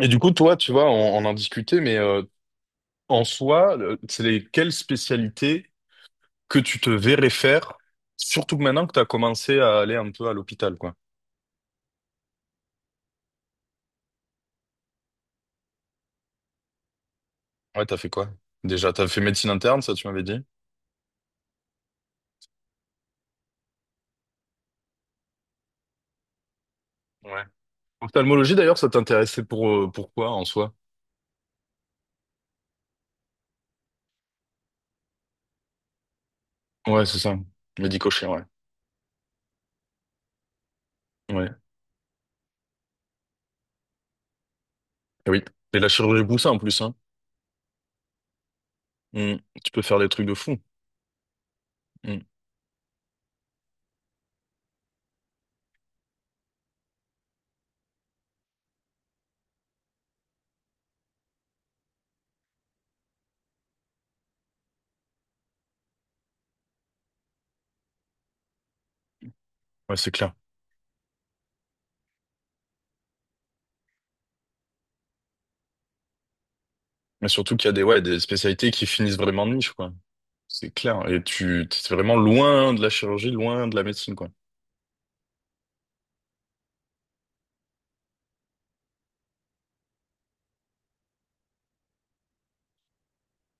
Et du coup, toi, tu vois, on en discutait, mais en soi, c'est les quelles spécialités que tu te verrais faire, surtout que maintenant que tu as commencé à aller un peu à l'hôpital, quoi. Ouais, t'as fait quoi? Déjà, t'as fait médecine interne, ça, tu m'avais dit. Ouais. Ophtalmologie, d'ailleurs, ça t'intéressait pour pourquoi en soi? Ouais, c'est ça. Médico-chirurgien, ouais. Ouais. Et oui. Et la chirurgie Boussin en plus, hein. Mm. Tu peux faire des trucs de fou. Mm. Ouais, c'est clair. Mais surtout qu'il y a des, ouais, des spécialités qui finissent vraiment de niche, quoi. C'est clair. Et t'es vraiment loin de la chirurgie, loin de la médecine, quoi.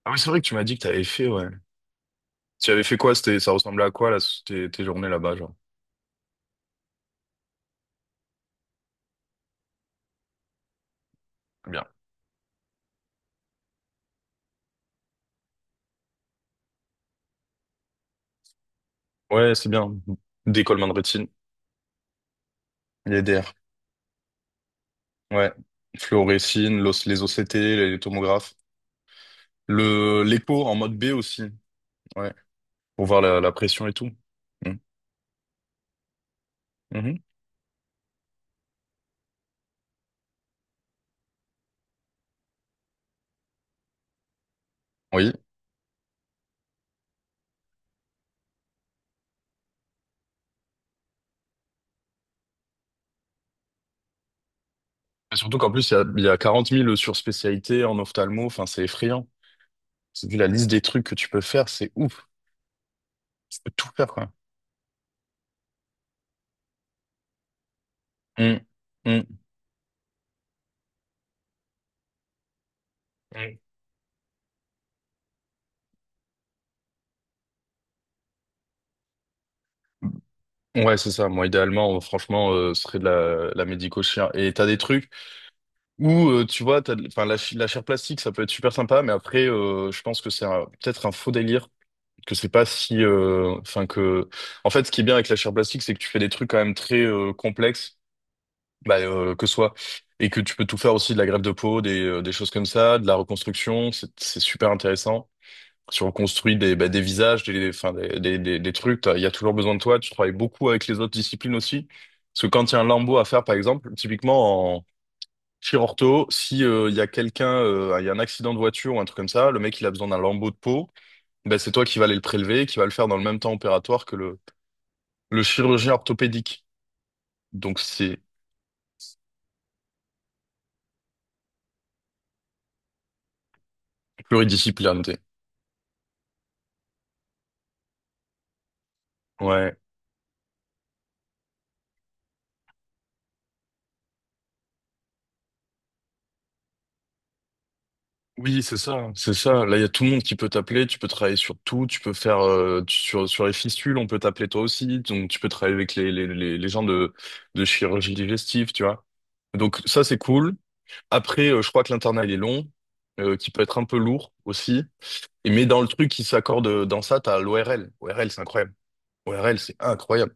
Ah oui, c'est vrai que tu m'as dit que t'avais fait, ouais. Tu avais fait quoi? C'était, ça ressemblait à quoi, là, tes journées là-bas, genre? Bien. Ouais, c'est bien. Des colmans de rétine. Les DR. Ouais. Fluorescine, les OCT, les tomographes. L'écho en mode B aussi. Ouais. Pour voir la pression et tout. Mm. Mhm. Oui. Et surtout qu'en plus, il y a 40 000 sur-spécialités en ophtalmo. Enfin, c'est effrayant. Vu la liste des trucs que tu peux faire, c'est ouf. Tu peux tout faire, quoi. Mm, mm, mm. Ouais, c'est ça. Moi, idéalement, franchement, ce serait de la médico-chir. Et t'as des trucs où, tu vois, enfin, la chair plastique, ça peut être super sympa, mais après, je pense que peut-être un faux délire, que c'est pas si, enfin, que, en fait, ce qui est bien avec la chair plastique, c'est que tu fais des trucs quand même très complexes, bah, que ce soit, et que tu peux tout faire aussi de la greffe de peau, des choses comme ça, de la reconstruction, c'est super intéressant. Tu reconstruis des, bah, des visages, des, enfin, des trucs. Il y a toujours besoin de toi. Tu travailles beaucoup avec les autres disciplines aussi. Parce que quand il y a un lambeau à faire, par exemple, typiquement en chirurto, si il y a quelqu'un, il y a un accident de voiture ou un truc comme ça, le mec il a besoin d'un lambeau de peau, ben c'est toi qui vas aller le prélever, et qui va le faire dans le même temps opératoire que le chirurgien orthopédique. Donc c'est pluridisciplinaire. Ouais. Oui, c'est ça. Là, il y a tout le monde qui peut t'appeler, tu peux travailler sur tout, tu peux faire sur les fistules, on peut t'appeler toi aussi, donc tu peux travailler avec les gens de chirurgie digestive, tu vois. Donc ça c'est cool. Après, je crois que l'internat il est long, qui peut être un peu lourd aussi. Et mais dans le truc qui s'accorde dans ça, t'as l'ORL. ORL, c'est incroyable. ORL, c'est incroyable.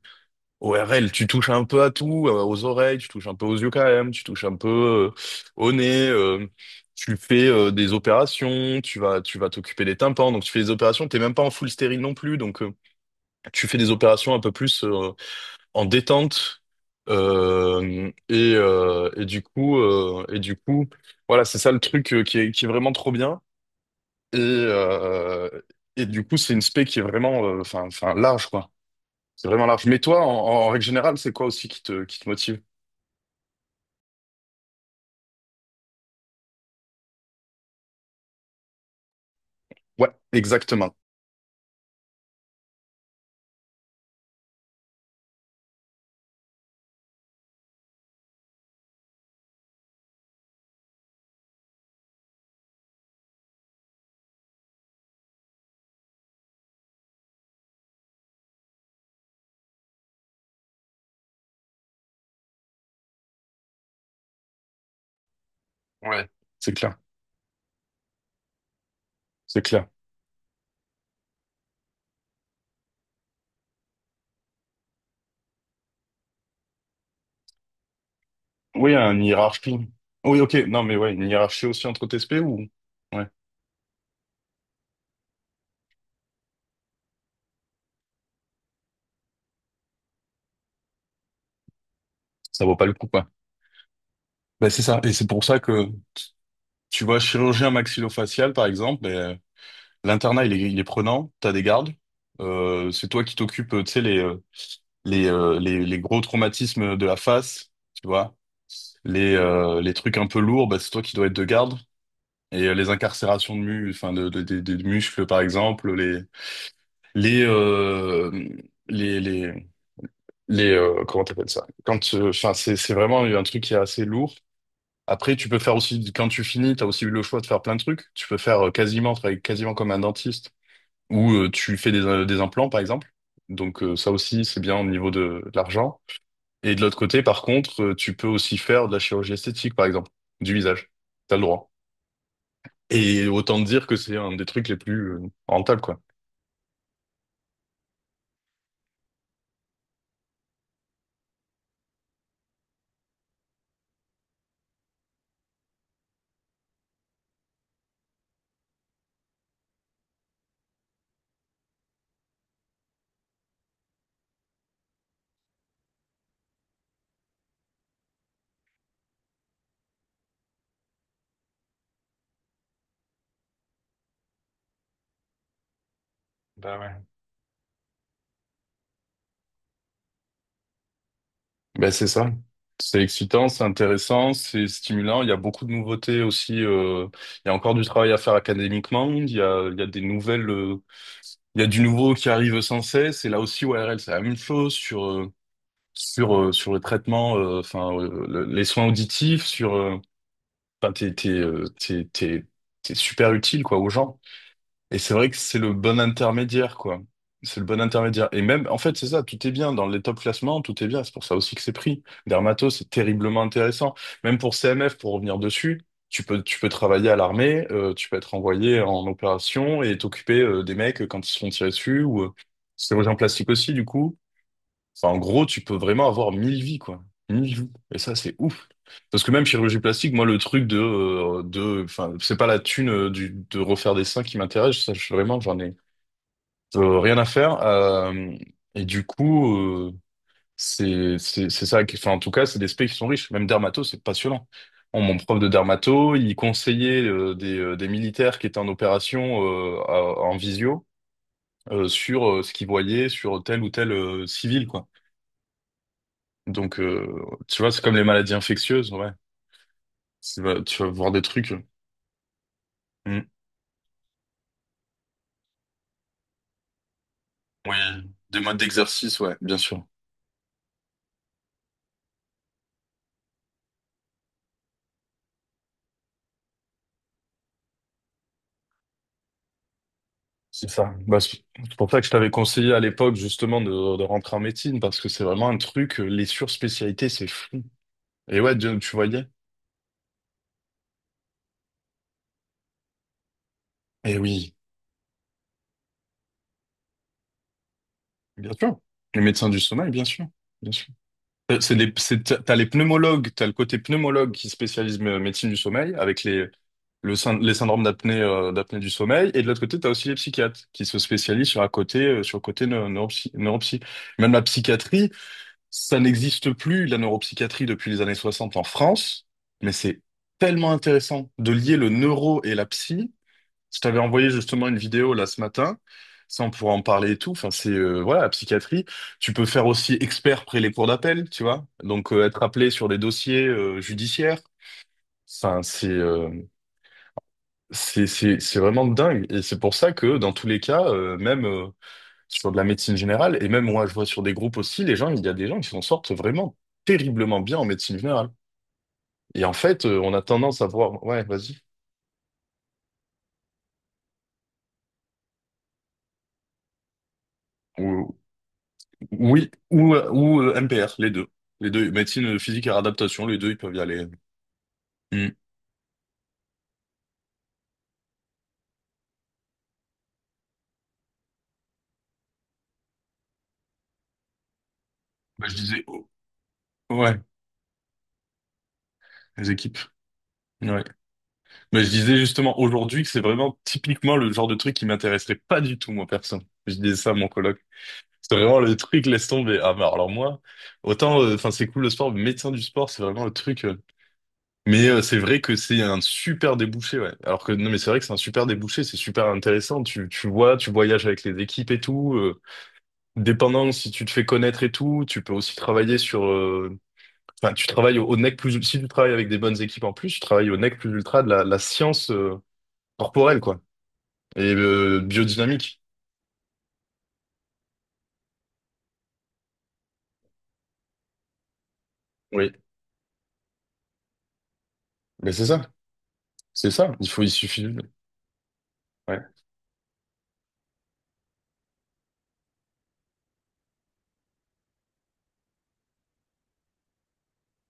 ORL, tu touches un peu à tout, aux oreilles, tu touches un peu aux yeux quand même, tu touches un peu euh, au nez, tu fais des opérations, tu vas t'occuper des tympans, donc tu fais des opérations, t'es même pas en full stérile non plus, donc tu fais des opérations un peu plus en détente. Et du coup, voilà, c'est ça le truc qui est vraiment trop bien. Et, euh, et du coup, c'est une spé qui est vraiment, enfin, large, quoi. C'est vraiment large. Mais toi, en, en règle générale, c'est quoi aussi qui qui te motive? Ouais, exactement. Ouais. C'est clair. C'est clair. Oui, une hiérarchie. Oui, ok. Non, mais ouais, une hiérarchie aussi entre tes TSP ou? Ouais, ça vaut pas le coup, quoi. Ben, c'est ça. Et c'est pour ça que tu vois, chirurgien maxillofacial, par exemple, ben, l'internat, il est prenant. T'as des gardes. C'est toi qui t'occupes, tu sais, les gros traumatismes de la face, tu vois. Les trucs un peu lourds, ben, c'est toi qui dois être de garde. Et les incarcérations de, mu enfin de muscles, par exemple, les, euh, les, les, les comment t'appelles ça? Quand, enfin, c'est vraiment un truc qui est assez lourd. Après, tu peux faire aussi, quand tu finis, t'as aussi eu le choix de faire plein de trucs. Tu peux faire quasiment, travailler quasiment comme un dentiste, ou tu fais des implants, par exemple. Donc, ça aussi, c'est bien au niveau de l'argent. Et de l'autre côté, par contre, tu peux aussi faire de la chirurgie esthétique, par exemple, du visage. T'as le droit. Et autant dire que c'est un des trucs les plus rentables, quoi. Bah ouais. Ben, c'est ça. C'est excitant, c'est intéressant, c'est stimulant. Il y a beaucoup de nouveautés aussi. Il y a encore du travail à faire académiquement. Il y a des nouvelles, il y a du nouveau qui arrive sans cesse. Et là aussi, ORL, c'est la même chose sur sur le traitement, les soins auditifs, sur. Enfin, t'es super utile quoi aux gens. Et c'est vrai que c'est le bon intermédiaire, quoi. C'est le bon intermédiaire. Et même, en fait, c'est ça, tout est bien. Dans les top classements, tout est bien. C'est pour ça aussi que c'est pris. Dermato, c'est terriblement intéressant. Même pour CMF, pour revenir dessus, tu peux travailler à l'armée, tu peux être envoyé en opération et t'occuper des mecs quand ils se font tirer dessus, ou chirurgien plastique aussi, du coup. Enfin, en gros, tu peux vraiment avoir mille vies, quoi. Mille vies. Et ça, c'est ouf. Parce que même chirurgie plastique, moi, le truc enfin, c'est pas la thune de refaire des seins qui m'intéresse. Ça, vraiment, j'en ai rien à faire. Et du coup, euh, c'est, c'est ça. Enfin, en tout cas, c'est des specs qui sont riches. Même dermato, c'est passionnant. Bon, mon prof de dermato, il conseillait des militaires qui étaient en opération en visio sur ce qu'ils voyaient sur tel ou tel civil, quoi. Donc, tu vois, c'est comme les maladies infectieuses, ouais. Tu vas voir des trucs. Mm. Oui, des modes d'exercice, ouais, bien sûr. C'est ça. Bah, c'est pour ça que je t'avais conseillé à l'époque, justement, de rentrer en médecine, parce que c'est vraiment un truc, les surspécialités, c'est fou. Et ouais, Dieu, tu voyais? Eh oui, bien sûr. Les médecins du sommeil, bien sûr. Bien sûr. C'est les, t'as les pneumologues, t'as le côté pneumologue qui spécialise médecine du sommeil avec les, les syndromes d'apnée d'apnée du sommeil. Et de l'autre côté, t'as aussi les psychiatres qui se spécialisent sur, à côté, sur le côté neuropsy. Même la psychiatrie, ça n'existe plus, la neuropsychiatrie, depuis les années 60 en France. Mais c'est tellement intéressant de lier le neuro et la psy. Je t'avais envoyé justement une vidéo là ce matin. Ça, on pourra en parler et tout. Enfin, c'est voilà, la psychiatrie. Tu peux faire aussi expert près les cours d'appel, tu vois. Donc être appelé sur des dossiers judiciaires. Enfin, c'est vraiment dingue. Et c'est pour ça que dans tous les cas, même sur de la médecine générale et même moi, je vois sur des groupes aussi, il y a des gens qui s'en sortent vraiment terriblement bien en médecine générale. Et en fait, on a tendance à voir. Ouais, vas-y. Oui, ou, MPR, les deux. Les deux, médecine physique et réadaptation, les deux, ils peuvent y aller. Hmm. Bah, je disais, oh, ouais, les équipes. Ouais. Mais je disais justement aujourd'hui que c'est vraiment typiquement le genre de truc qui m'intéresserait pas du tout, moi, perso. Je disais ça à mon coloc. C'est vraiment le truc, laisse tomber. Ah, bah, alors moi, autant, enfin, c'est cool le sport, mais médecin du sport, c'est vraiment le truc. Mais c'est vrai que c'est un super débouché, ouais. Alors que, non, mais c'est vrai que c'est un super débouché, c'est super intéressant. Tu vois, tu voyages avec les équipes et tout. Dépendant si tu te fais connaître et tout, tu peux aussi travailler sur. Enfin, tu travailles au nec plus. Si tu travailles avec des bonnes équipes en plus, tu travailles au nec plus ultra de la science corporelle, quoi. Et biodynamique. Oui. Mais c'est ça. C'est ça. Il faut, il suffit. Ouais.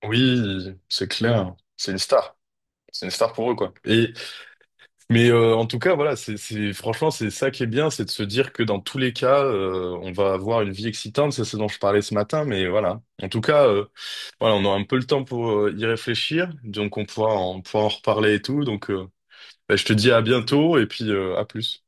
Oui, c'est clair. C'est une star. C'est une star pour eux, quoi. Et mais en tout cas, voilà, franchement, c'est ça qui est bien, c'est de se dire que dans tous les cas, on va avoir une vie excitante, c'est ce dont je parlais ce matin, mais voilà. En tout cas, voilà, on aura un peu le temps pour y réfléchir, donc on pourra en reparler et tout. Donc, bah, je te dis à bientôt et puis à plus.